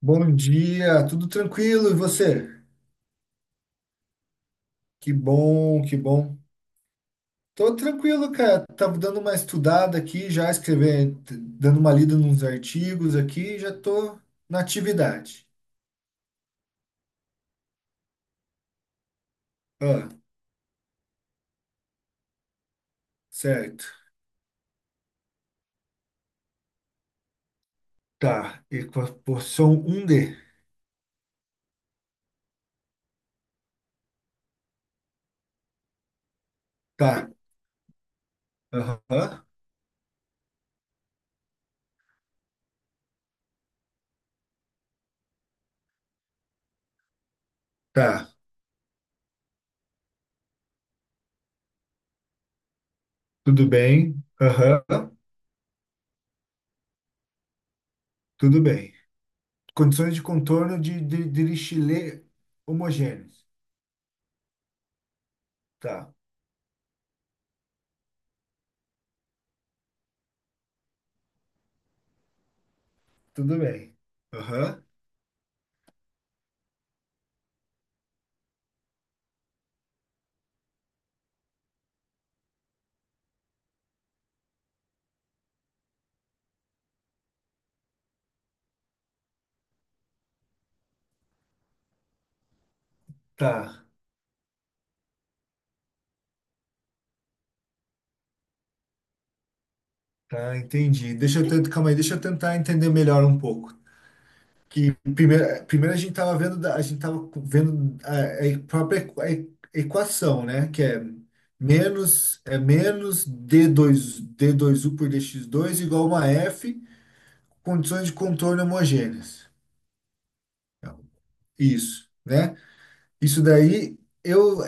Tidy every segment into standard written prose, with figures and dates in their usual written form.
Bom dia, tudo tranquilo e você? Que bom, que bom. Tô tranquilo, cara. Tava dando uma estudada aqui, já escrevendo, dando uma lida nos artigos aqui, já tô na atividade. Ah, certo. Tá. Equação 1D. Tá. Aham. Tá. Tudo bem. Aham. Tudo bem. Condições de contorno de, de lixilê homogêneos. Tá. Tudo bem. Aham. Tá. Tá, entendi. Deixa eu tentar, calma aí, deixa eu tentar entender melhor um pouco. Que primeiro a gente estava vendo, a gente tava vendo a própria a equação, né? Que é menos, é menos d dois u por dx dois igual a uma F, condições de contorno homogêneas. Isso, né? Isso daí, eu,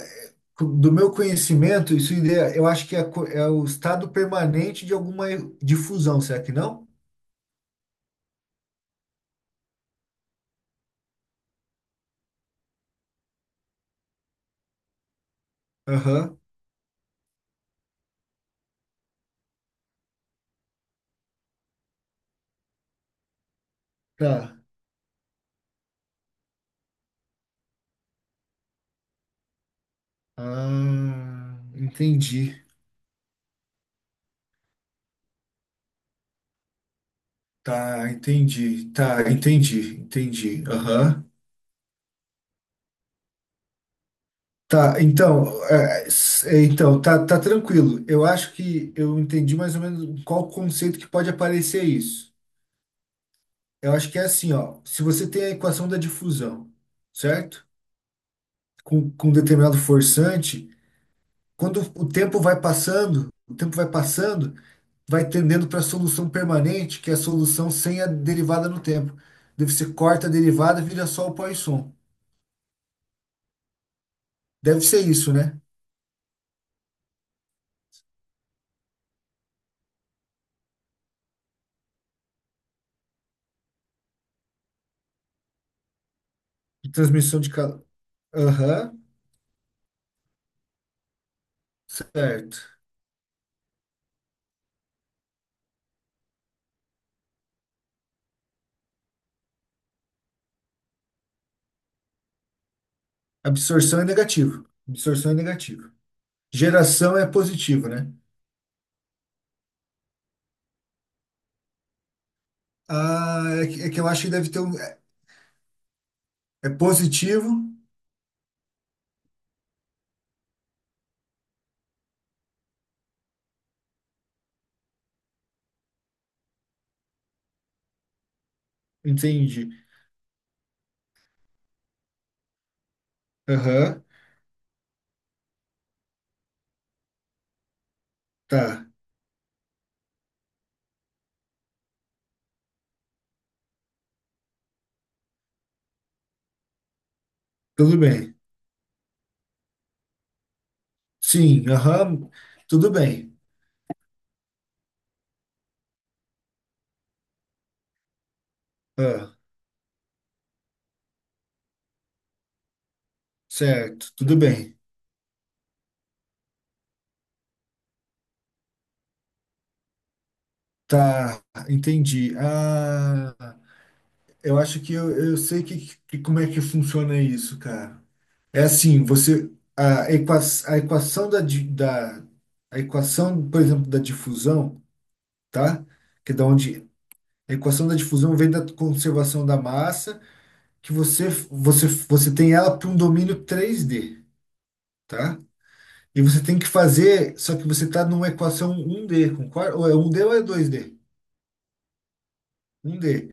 do meu conhecimento, eu acho que é, é o estado permanente de alguma difusão, será que não? Aham. Tá. Ah, entendi. Tá, entendi. Tá, entendi. Entendi. Aham. Tá, então, então tá, tá tranquilo. Eu acho que eu entendi mais ou menos qual conceito que pode aparecer isso. Eu acho que é assim, ó. Se você tem a equação da difusão, certo? Com determinado forçante, quando o tempo vai passando, vai tendendo para a solução permanente, que é a solução sem a derivada no tempo. Deve ser, corta a derivada, vira só o Poisson. Deve ser isso, né? De transmissão de calor. Aham, certo. Absorção é negativo. Absorção é negativo. Geração é positivo, né? Ah, é que eu acho que deve ter um. É é positivo. Entendi. Aham, tá. Tudo bem. Sim, aham, tudo bem. Ah. Certo, tudo bem. Tá, entendi. Ah, eu acho que eu sei que, como é que funciona isso, cara. É assim, você a, equa, a equação da, di- da a equação, por exemplo, da difusão, tá? Que é da onde a equação da difusão vem da conservação da massa, que você tem ela para um domínio três d, tá? E você tem que fazer, só que você está numa equação um d, concorda? Ou é um d ou é dois d, um d.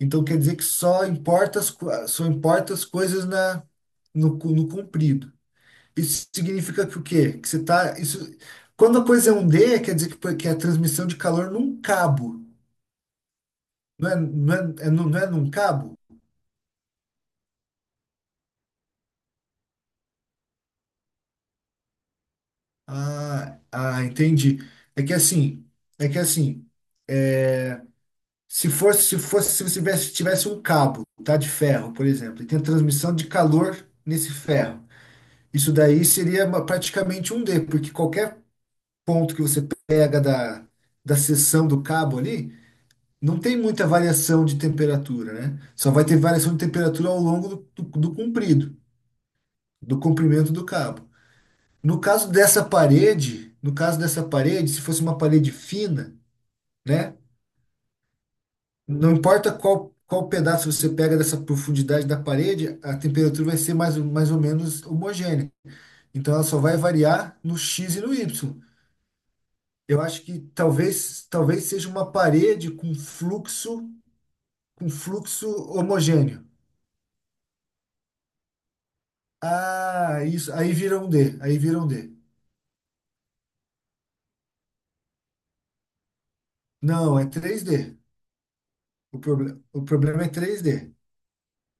Então quer dizer que só importa só importa as coisas na, no comprido. Isso significa que o quê? Que você tá, isso, quando a coisa é um D, quer dizer que, que é a transmissão de calor num cabo. Não é, não é, é não é num cabo? Ah, ah, entendi. É que assim, é que assim, se fosse, se você tivesse um cabo, tá, de ferro, por exemplo, e tem a transmissão de calor nesse ferro. Isso daí seria praticamente um D, porque qualquer ponto que você pega da seção do cabo ali, não tem muita variação de temperatura, né? Só vai ter variação de temperatura ao longo do comprido, do comprimento do cabo. No caso dessa parede, se fosse uma parede fina, né? Não importa qual, qual pedaço você pega dessa profundidade da parede, a temperatura vai ser mais, mais ou menos homogênea. Então ela só vai variar no X e no Y. Eu acho que talvez seja uma parede com fluxo, com fluxo homogêneo. Ah, isso. Aí vira um D. Aí vira um D. Não, é três d. O problema é três d.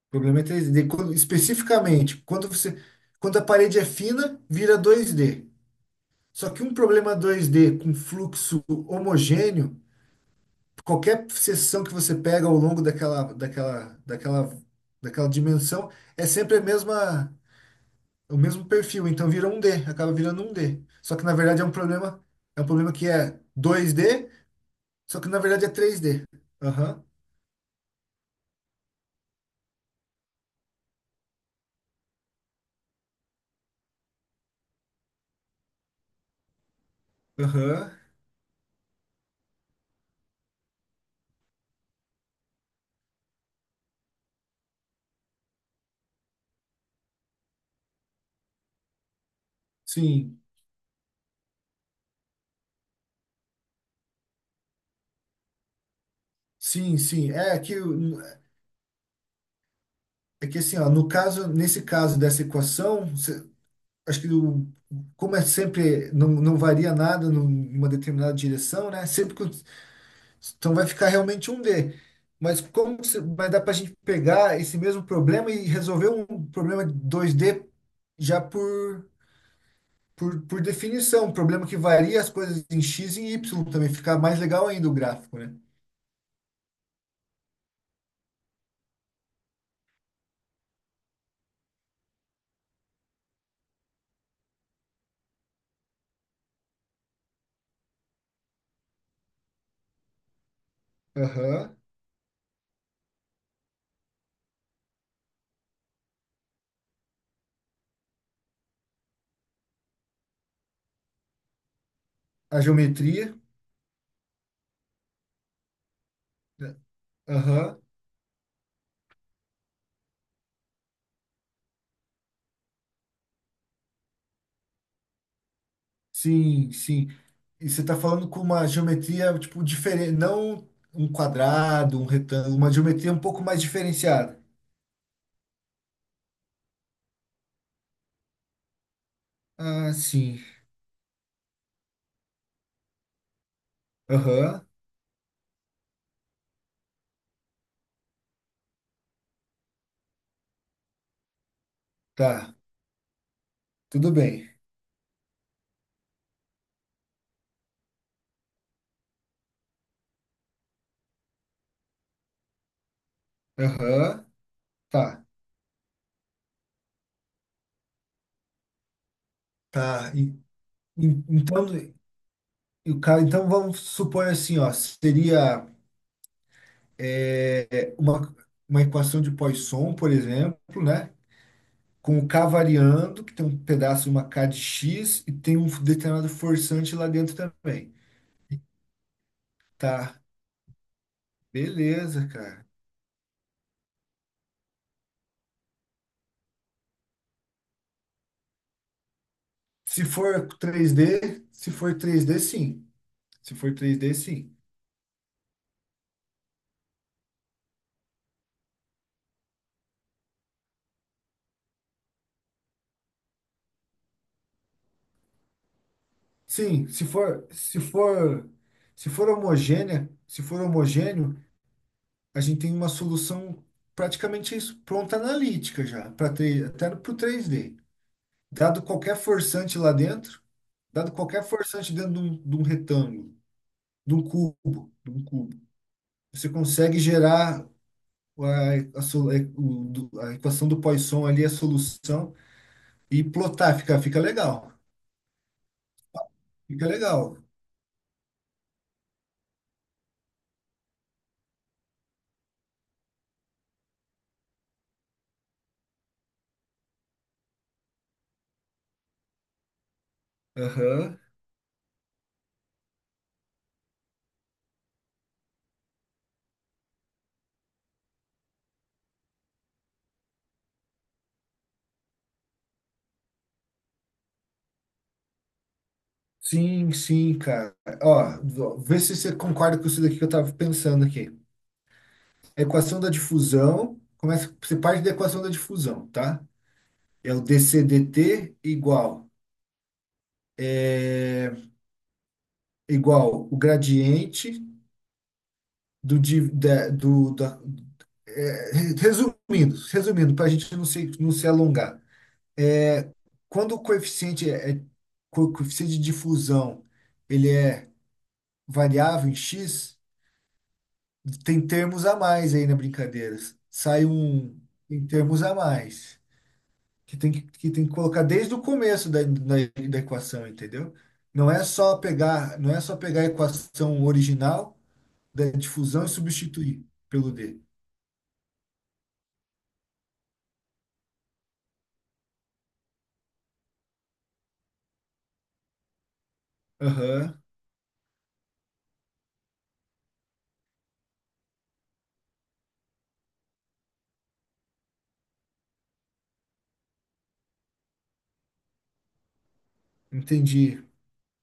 O problema é três d. Especificamente, quando você, quando a parede é fina, vira dois d. Só que um problema dois d com fluxo homogêneo, qualquer seção que você pega ao longo daquela dimensão, é sempre a mesma, o mesmo perfil, então vira um D, acaba virando um D. Só que na verdade é um problema que é dois d, só que na verdade é três d. Aham, aham. Sim, sim, sim. É que assim, ó, no caso, nesse caso dessa equação, acho que o, como é sempre, não, não varia nada numa determinada direção, né? Então vai ficar realmente um D. Mas como que vai dar para a gente pegar esse mesmo problema e resolver um problema dois d já por, por definição, um problema que varia as coisas em x e em y também. Fica mais legal ainda o gráfico, né? Aham. A geometria, né? Aham. Sim, sim. E você está falando com uma geometria, tipo, diferente. Não um quadrado, um retângulo. Uma geometria um pouco mais diferenciada. Ah, sim. Aham. Tá. Tudo bem. Aham. Tá. Tá. E- então, e o cara, então vamos supor assim, ó. Seria, é, uma equação de Poisson, por exemplo, né? Com o K variando, que tem um pedaço de uma K de X e tem um determinado forçante lá dentro também. Tá, beleza, cara. Se for 3D, se for 3D, sim. Se for 3D, sim. Sim, se for, se for, se for homogênea, se for homogêneo, a gente tem uma solução, praticamente isso, pronta analítica já, para, até para o 3D. Dado qualquer forçante lá dentro, dado qualquer forçante dentro de um retângulo, de um cubo, você consegue gerar a so- é, o- do- a equação do Poisson ali, a solução, e plotar, fica, fica legal. Fica legal. Aham. Sim, sim, cara. Ó, ó, vê se você concorda com isso daqui que eu tava pensando aqui. A equação da difusão, começa, você parte da equação da difusão, tá? É o dCdt igual, é, igual o gradiente do, di- da- do da, é, re- resumindo, resumindo, para a gente não se, não se alongar, é, quando o coeficiente coeficiente de difusão, ele é variável em x, tem termos a mais aí na brincadeira. Sai um, tem termos a mais que tem que colocar desde o começo da equação, entendeu? Não é só pegar a equação original da difusão e substituir pelo D. Aham, entendi.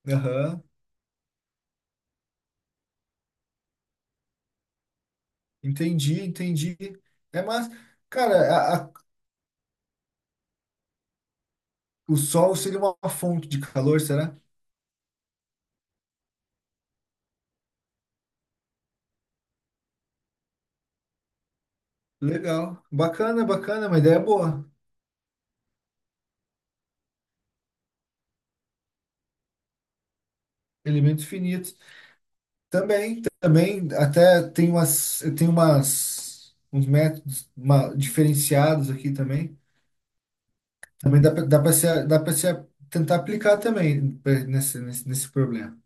Aham, entendi, entendi. É, mas, cara, o Sol seria uma fonte de calor, será? Legal, bacana, bacana, uma ideia boa. Elementos finitos. Também, também, até tem umas, uns métodos diferenciados aqui também. Também dá para, dá para se tentar aplicar também nesse, nesse problema.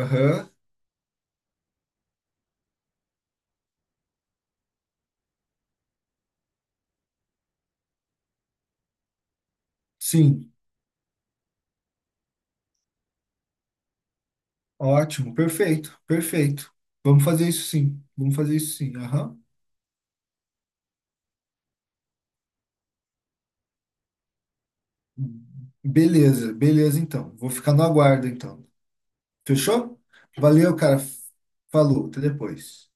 Aham, sim. Ótimo, perfeito, perfeito. Vamos fazer isso sim. Vamos fazer isso sim. Aham. Beleza, beleza então. Vou ficar no aguardo então. Fechou? Valeu, cara. Falou, até depois.